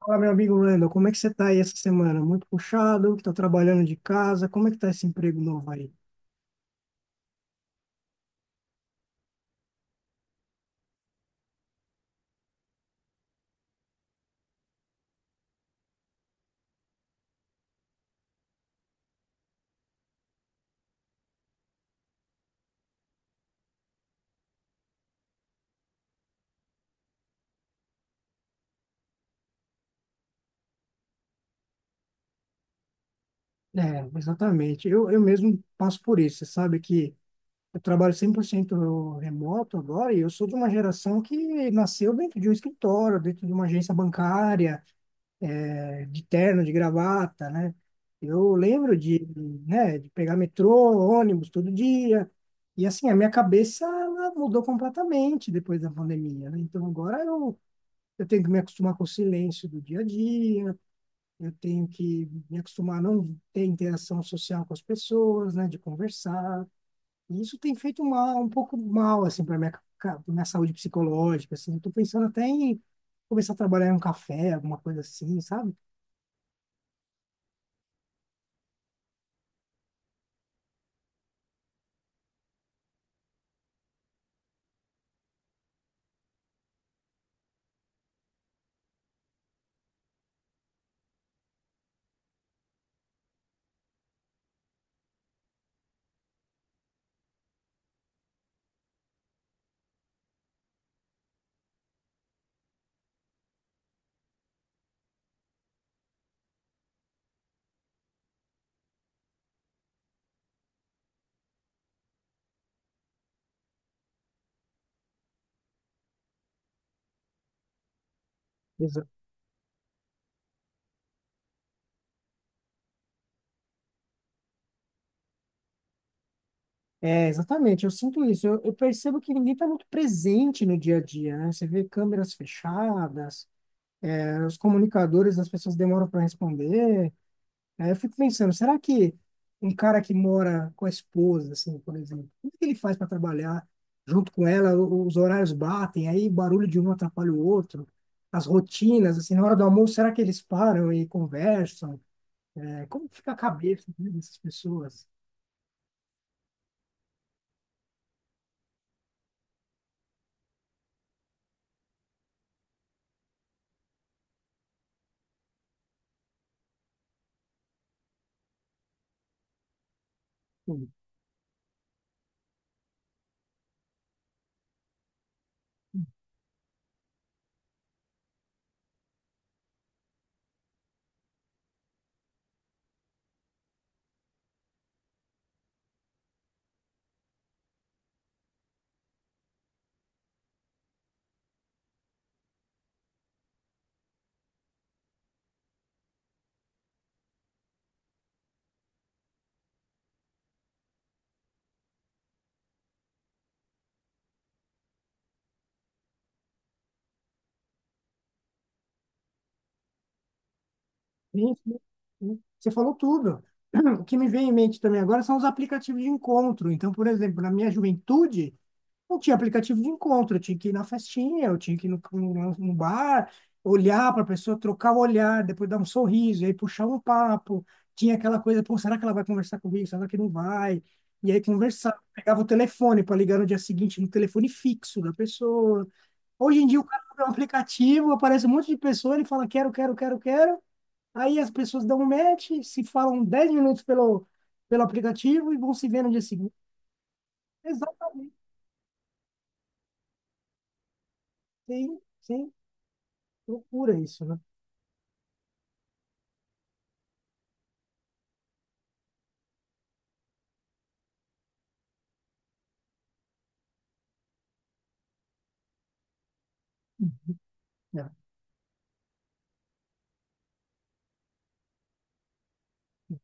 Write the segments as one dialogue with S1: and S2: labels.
S1: Fala, meu amigo Wendel, como é que você tá aí essa semana? Muito puxado, tá trabalhando de casa, como é que tá esse emprego novo aí? Exatamente. Eu mesmo passo por isso. Você sabe que eu trabalho 100% remoto agora e eu sou de uma geração que nasceu dentro de um escritório, dentro de uma agência bancária, de terno, de gravata, né? Eu lembro de, né, de pegar metrô, ônibus todo dia. E assim, a minha cabeça ela mudou completamente depois da pandemia, né? Então agora eu tenho que me acostumar com o silêncio do dia a dia, eu tenho que me acostumar a não ter interação social com as pessoas, né, de conversar. E isso tem feito mal, um pouco mal, assim, pra minha saúde psicológica, assim. Eu tô pensando até em começar a trabalhar em um café, alguma coisa assim, sabe? Exa- É, exatamente, eu sinto isso. Eu percebo que ninguém está muito presente no dia a dia, né? Você vê câmeras fechadas, os comunicadores, as pessoas demoram para responder. Aí eu fico pensando, será que um cara que mora com a esposa, assim, por exemplo, como é que ele faz para trabalhar junto com ela? Os horários batem, aí o barulho de um atrapalha o outro, as rotinas, assim, na hora do almoço, será que eles param e conversam? É, como fica a cabeça, né, dessas pessoas? Hum, hum, Você falou tudo. O que me vem em mente também agora são os aplicativos de encontro. Então, por exemplo, na minha juventude, não tinha aplicativo de encontro, eu tinha que ir na festinha, eu tinha que ir no bar, olhar para a pessoa, trocar o olhar, depois dar um sorriso, e aí puxar um papo. Tinha aquela coisa, pô, será que ela vai conversar comigo? Será que não vai? E aí conversar. Pegava o telefone para ligar no dia seguinte no telefone fixo da pessoa. Hoje em dia o cara abre um aplicativo, aparece um monte de pessoa, ele fala quero, quero, quero, quero. Aí as pessoas dão um match, se falam 10 minutos pelo, pelo aplicativo e vão se ver no dia seguinte. Exatamente. Sim, sim. Loucura isso, né? É, é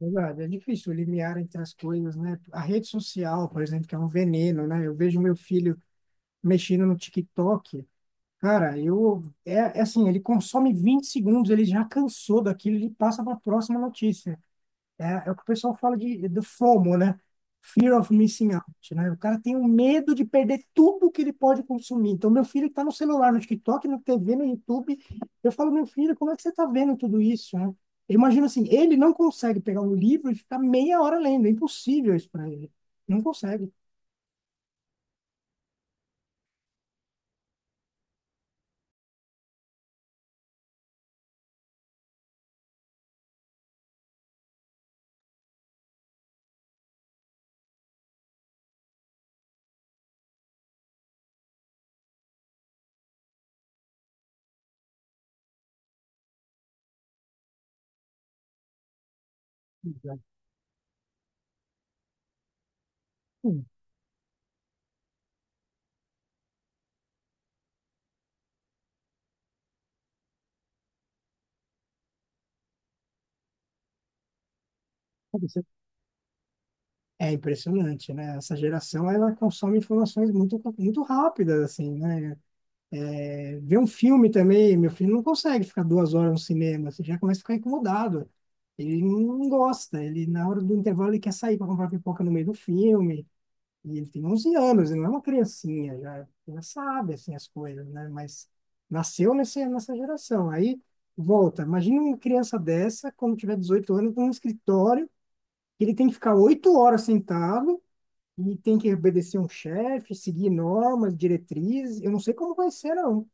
S1: verdade, é difícil o limiar entre as coisas, né? A rede social, por exemplo, que é um veneno, né? Eu vejo meu filho mexendo no TikTok, cara, é assim, ele consome 20 segundos, ele já cansou daquilo, ele passa para a próxima notícia. É, é o que o pessoal fala do FOMO, né? Fear of missing out, né? O cara tem um medo de perder tudo que ele pode consumir. Então, meu filho está no celular, no TikTok, no TV, no YouTube, eu falo, meu filho, como é que você está vendo tudo isso, né? Eu imagino assim, ele não consegue pegar um livro e ficar meia hora lendo. É impossível isso para ele. Não consegue. Exato. Hum, pode ser. É impressionante, né? Essa geração, ela consome informações muito, muito rápidas, assim, né? Ver um filme também, meu filho não consegue ficar 2 horas no cinema, você já começa a ficar incomodado. Ele não gosta, ele na hora do intervalo ele quer sair para comprar pipoca no meio do filme. E ele tem 11 anos, ele não é uma criancinha, já, já sabe assim, as coisas, né? Mas nessa geração. Aí volta, imagina uma criança dessa, quando tiver 18 anos, num escritório, que ele tem que ficar 8 horas sentado e tem que obedecer um chefe, seguir normas, diretrizes. Eu não sei como vai ser, não.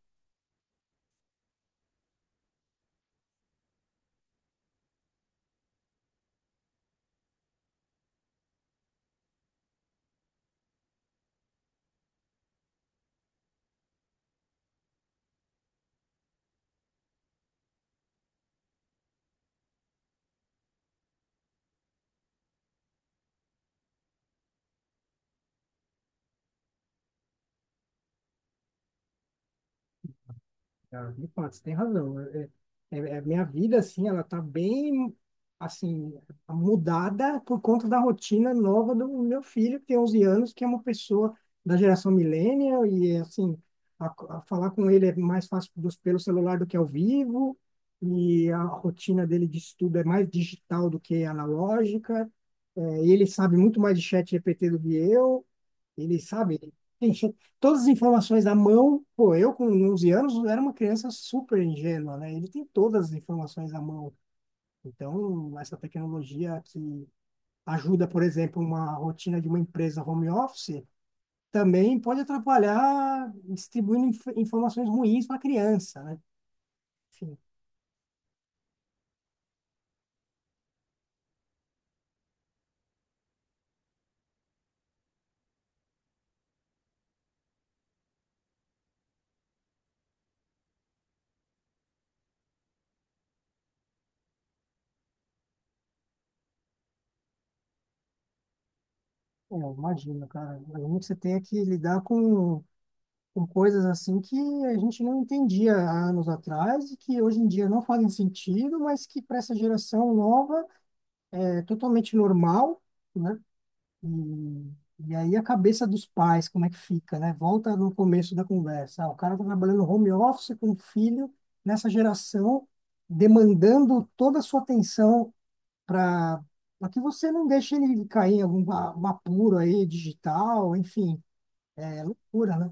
S1: Ah, de fato, você tem razão. Minha vida, assim, ela tá bem, assim, mudada por conta da rotina nova do meu filho, que tem 11 anos, que é uma pessoa da geração millennial, e, assim, a, a falar com ele é mais fácil pelo celular do que ao vivo, e a rotina dele de estudo é mais digital do que analógica, e ele sabe muito mais de chat GPT do que eu, ele sabe, enfim, todas as informações na mão. Pô, eu com 11 anos era uma criança super ingênua, né? Ele tem todas as informações na mão. Então, essa tecnologia que ajuda, por exemplo, uma rotina de uma empresa home office, também pode atrapalhar distribuindo informações ruins para a criança, né? Enfim, é, imagina, cara. Imagina que você tenha que lidar com coisas assim que a gente não entendia há anos atrás e que hoje em dia não fazem sentido, mas que para essa geração nova é totalmente normal, né? E, e aí a cabeça dos pais, como é que fica, né? Volta no começo da conversa. Ah, o cara tá trabalhando home office com o filho nessa geração, demandando toda a sua atenção para para que você não deixe ele cair em algum um apuro aí digital, enfim, pura, né?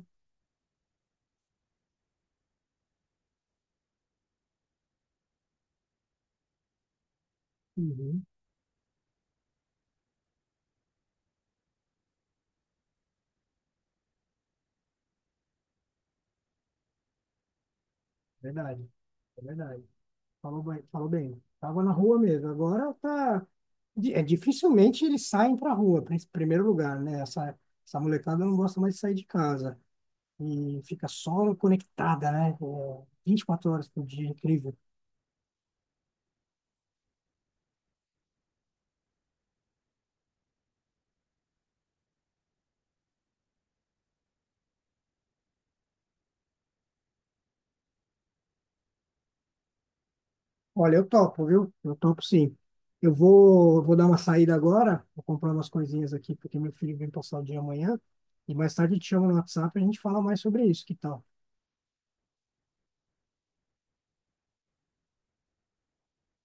S1: Uhum, verdade, é verdade. Falou bem, falou bem. Tava na rua mesmo. Agora tá. É, dificilmente eles saem pra rua, em primeiro lugar, né? Essa molecada não gosta mais de sair de casa. E fica só conectada, né? É, 24 horas por dia, incrível. Olha, eu topo, viu? Eu topo sim. Vou dar uma saída agora, vou comprar umas coisinhas aqui, porque meu filho vem passar o dia amanhã. E mais tarde eu te chamo no WhatsApp e a gente fala mais sobre isso, que tal?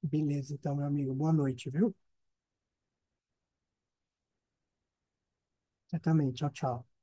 S1: Beleza, então, meu amigo. Boa noite, viu? Você também. Tchau, tchau.